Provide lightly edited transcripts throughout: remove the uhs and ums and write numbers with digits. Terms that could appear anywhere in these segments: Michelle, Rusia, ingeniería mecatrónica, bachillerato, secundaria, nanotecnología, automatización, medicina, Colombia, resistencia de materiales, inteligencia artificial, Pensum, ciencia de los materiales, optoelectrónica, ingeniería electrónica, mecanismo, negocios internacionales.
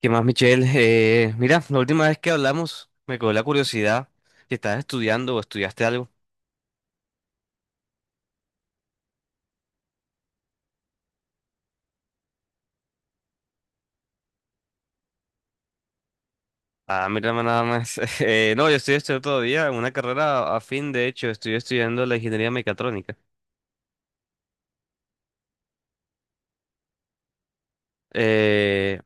¿Qué más, Michelle? Mira, la última vez que hablamos me quedó la curiosidad si estás estudiando o estudiaste algo. Ah, mira, nada más. No, yo estoy estudiando todavía una carrera afín, de hecho, estoy estudiando la ingeniería mecatrónica. Eh,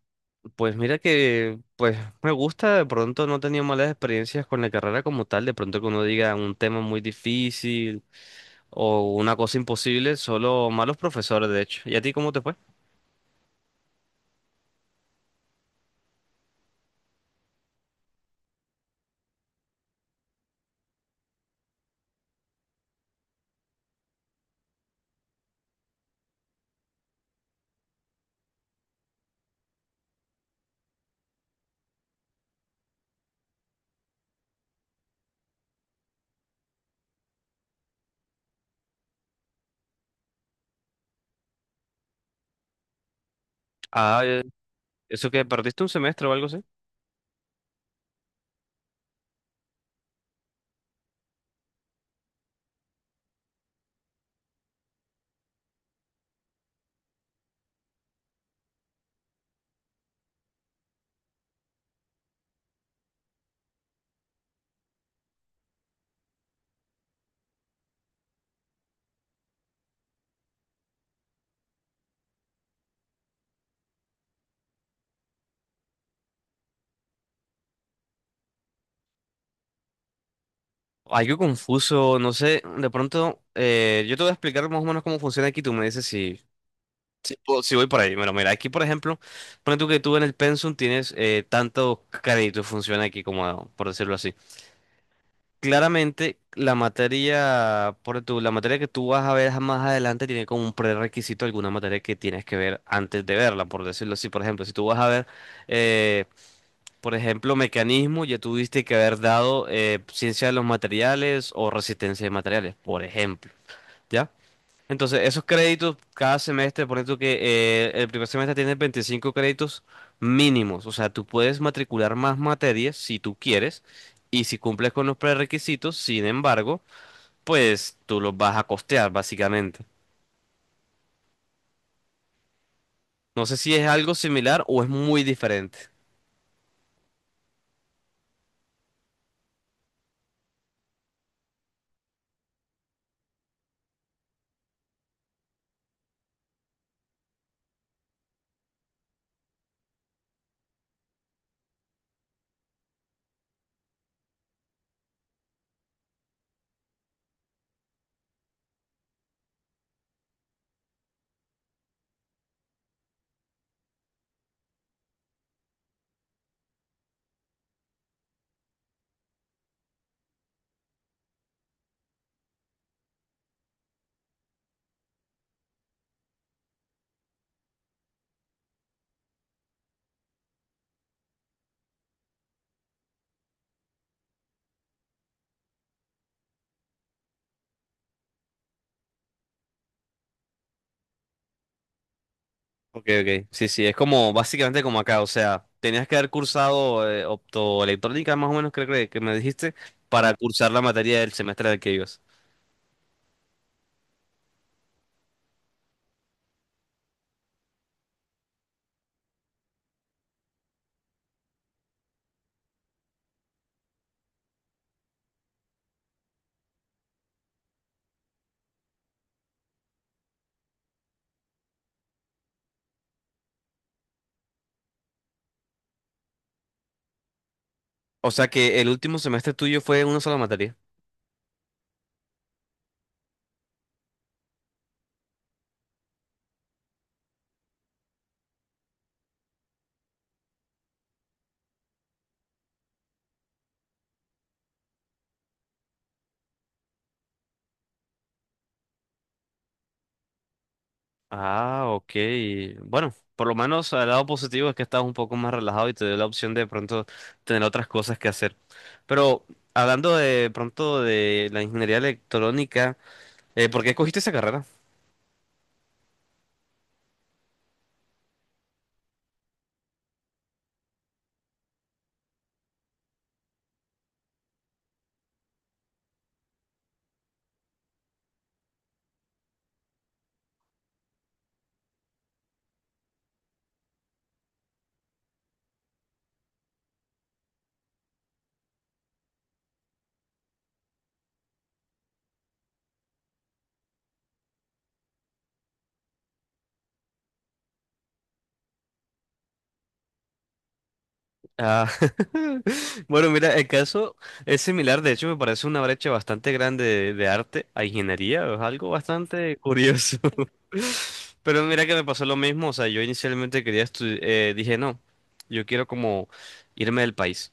pues mira que, pues me gusta, de pronto no he tenido malas experiencias con la carrera como tal, de pronto que uno diga un tema muy difícil o una cosa imposible, solo malos profesores, de hecho. ¿Y a ti cómo te fue? Ah, eh, ¿Eso que perdiste un semestre o algo así? Algo confuso, no sé, de pronto yo te voy a explicar más o menos cómo funciona aquí, tú me dices si, si voy por ahí. Bueno, mira, aquí por ejemplo, pone tú que tú en el Pensum tienes tantos créditos, funciona aquí como, por decirlo así. Claramente la materia, la materia que tú vas a ver más adelante tiene como un prerequisito alguna materia que tienes que ver antes de verla, por decirlo así. Por ejemplo, si tú vas a ver eh, mecanismo, ya tuviste que haber dado ciencia de los materiales o resistencia de materiales, por ejemplo, ¿ya? Entonces, esos créditos cada semestre, por ejemplo, que el primer semestre tiene 25 créditos mínimos, o sea, tú puedes matricular más materias si tú quieres y si cumples con los prerequisitos, sin embargo, pues tú los vas a costear, básicamente. No sé si es algo similar o es muy diferente. Ok, ok. Sí, sí, es como básicamente como acá, o sea, tenías que haber cursado optoelectrónica, más o menos creo que me dijiste, para cursar la materia del semestre del que ibas. O sea que el último semestre tuyo fue una sola materia. Ah, ok. Bueno, por lo menos el lado positivo es que estás un poco más relajado y te dio la opción de pronto tener otras cosas que hacer. Pero hablando de pronto de la ingeniería electrónica, ¿por qué escogiste esa carrera? Ah, bueno, mira, el caso es similar, de hecho me parece una brecha bastante grande de arte a ingeniería, es algo bastante curioso. Pero mira que me pasó lo mismo, o sea, yo inicialmente quería estudiar, dije no, yo quiero como irme del país.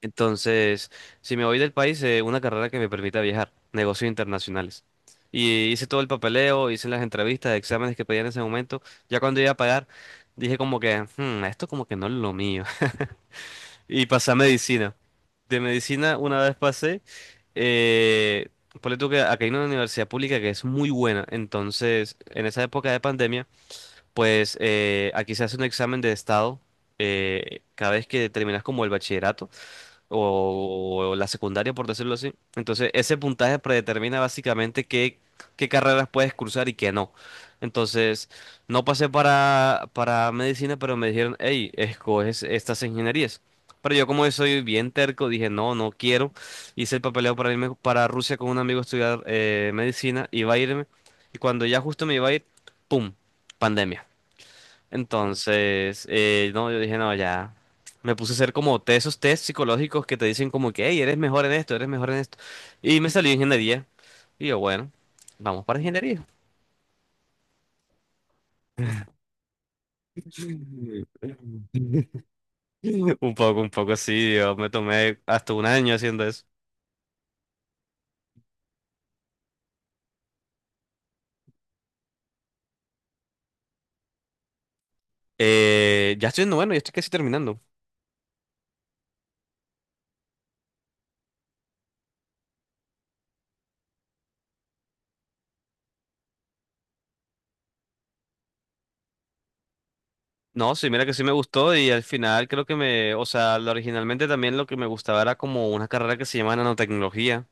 Entonces, si me voy del país, una carrera que me permita viajar, negocios internacionales. Y hice todo el papeleo, hice las entrevistas, exámenes que pedían en ese momento, ya cuando iba a pagar, dije como que, "Hmm, esto como que no es lo mío. Y pasé a medicina. De medicina, una vez pasé, eh, ponle tú que acá hay una universidad pública que es muy buena. Entonces, en esa época de pandemia, pues aquí se hace un examen de estado cada vez que terminas como el bachillerato o la secundaria, por decirlo así. Entonces, ese puntaje predetermina básicamente qué carreras puedes cursar y qué no. Entonces, no pasé para medicina, pero me dijeron, hey, escoges estas ingenierías. Pero yo como soy bien terco, dije, no, no quiero. Hice el papeleo para irme para Rusia con un amigo a estudiar medicina, iba a irme. Y cuando ya justo me iba a ir, ¡pum! Pandemia. Entonces, no, yo dije, no, ya. Me puse a hacer como esos test psicológicos que te dicen como que, hey, eres mejor en esto, eres mejor en esto. Y me salió ingeniería. Y yo, bueno, vamos para ingeniería. Un poco así, yo me tomé hasta un año haciendo eso. Ya estoy en noveno, ya estoy casi terminando. No, sí, mira que sí me gustó y al final creo que me, o sea, originalmente también lo que me gustaba era como una carrera que se llama nanotecnología.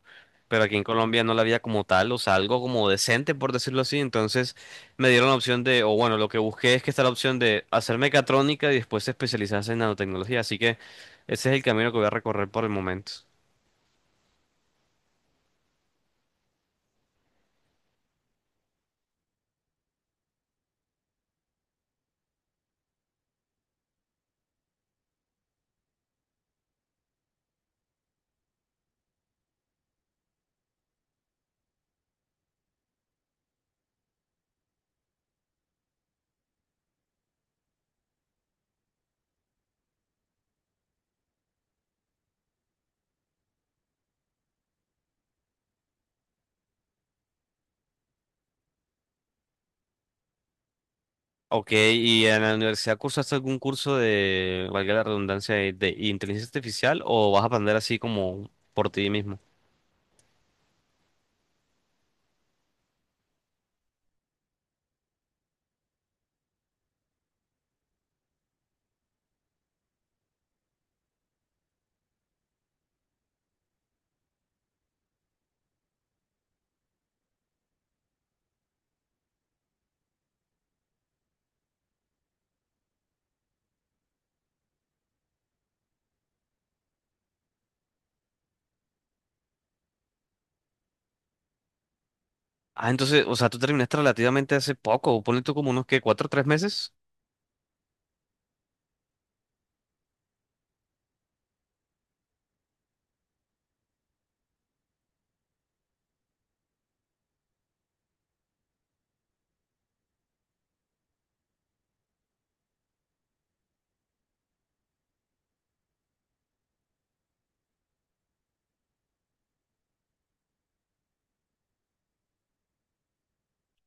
Pero aquí en Colombia no la había como tal, o sea, algo como decente, por decirlo así. Entonces me dieron la opción de, o bueno, lo que busqué es que está la opción de hacer mecatrónica y después especializarse en nanotecnología. Así que ese es el camino que voy a recorrer por el momento. Ok, ¿y en la universidad cursaste algún curso de, valga la redundancia, de inteligencia artificial o vas a aprender así como por ti mismo? Ah, entonces, o sea, tú terminaste relativamente hace poco, ponle tú como unos que cuatro o tres meses.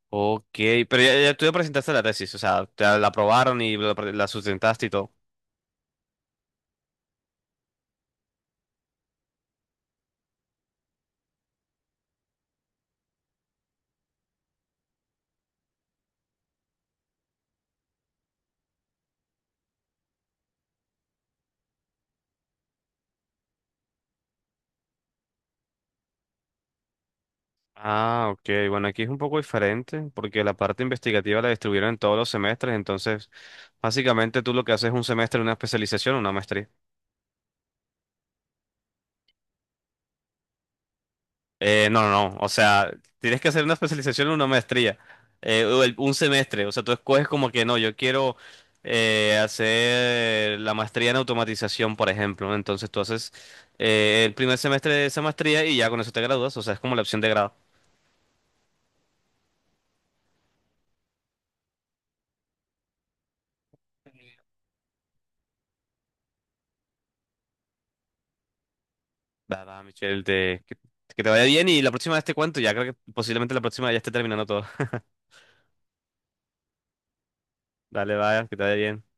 Ok, pero ya, ya tú presentaste la tesis, o sea, te la aprobaron y la sustentaste y todo. Ah, ok, bueno, aquí es un poco diferente porque la parte investigativa la distribuyeron en todos los semestres, entonces básicamente tú lo que haces es un semestre, una especialización, una maestría. No, no, no. O sea, tienes que hacer una especialización o una maestría. O un semestre. O sea, tú escoges como que no, yo quiero hacer la maestría en automatización, por ejemplo. Entonces tú haces el primer semestre de esa maestría y ya con eso te gradúas. O sea, es como la opción de grado. Nada, Michelle, que te vaya bien y la próxima vez te cuento. Ya creo que posiblemente la próxima ya esté terminando todo. Dale, vaya, que te vaya bien.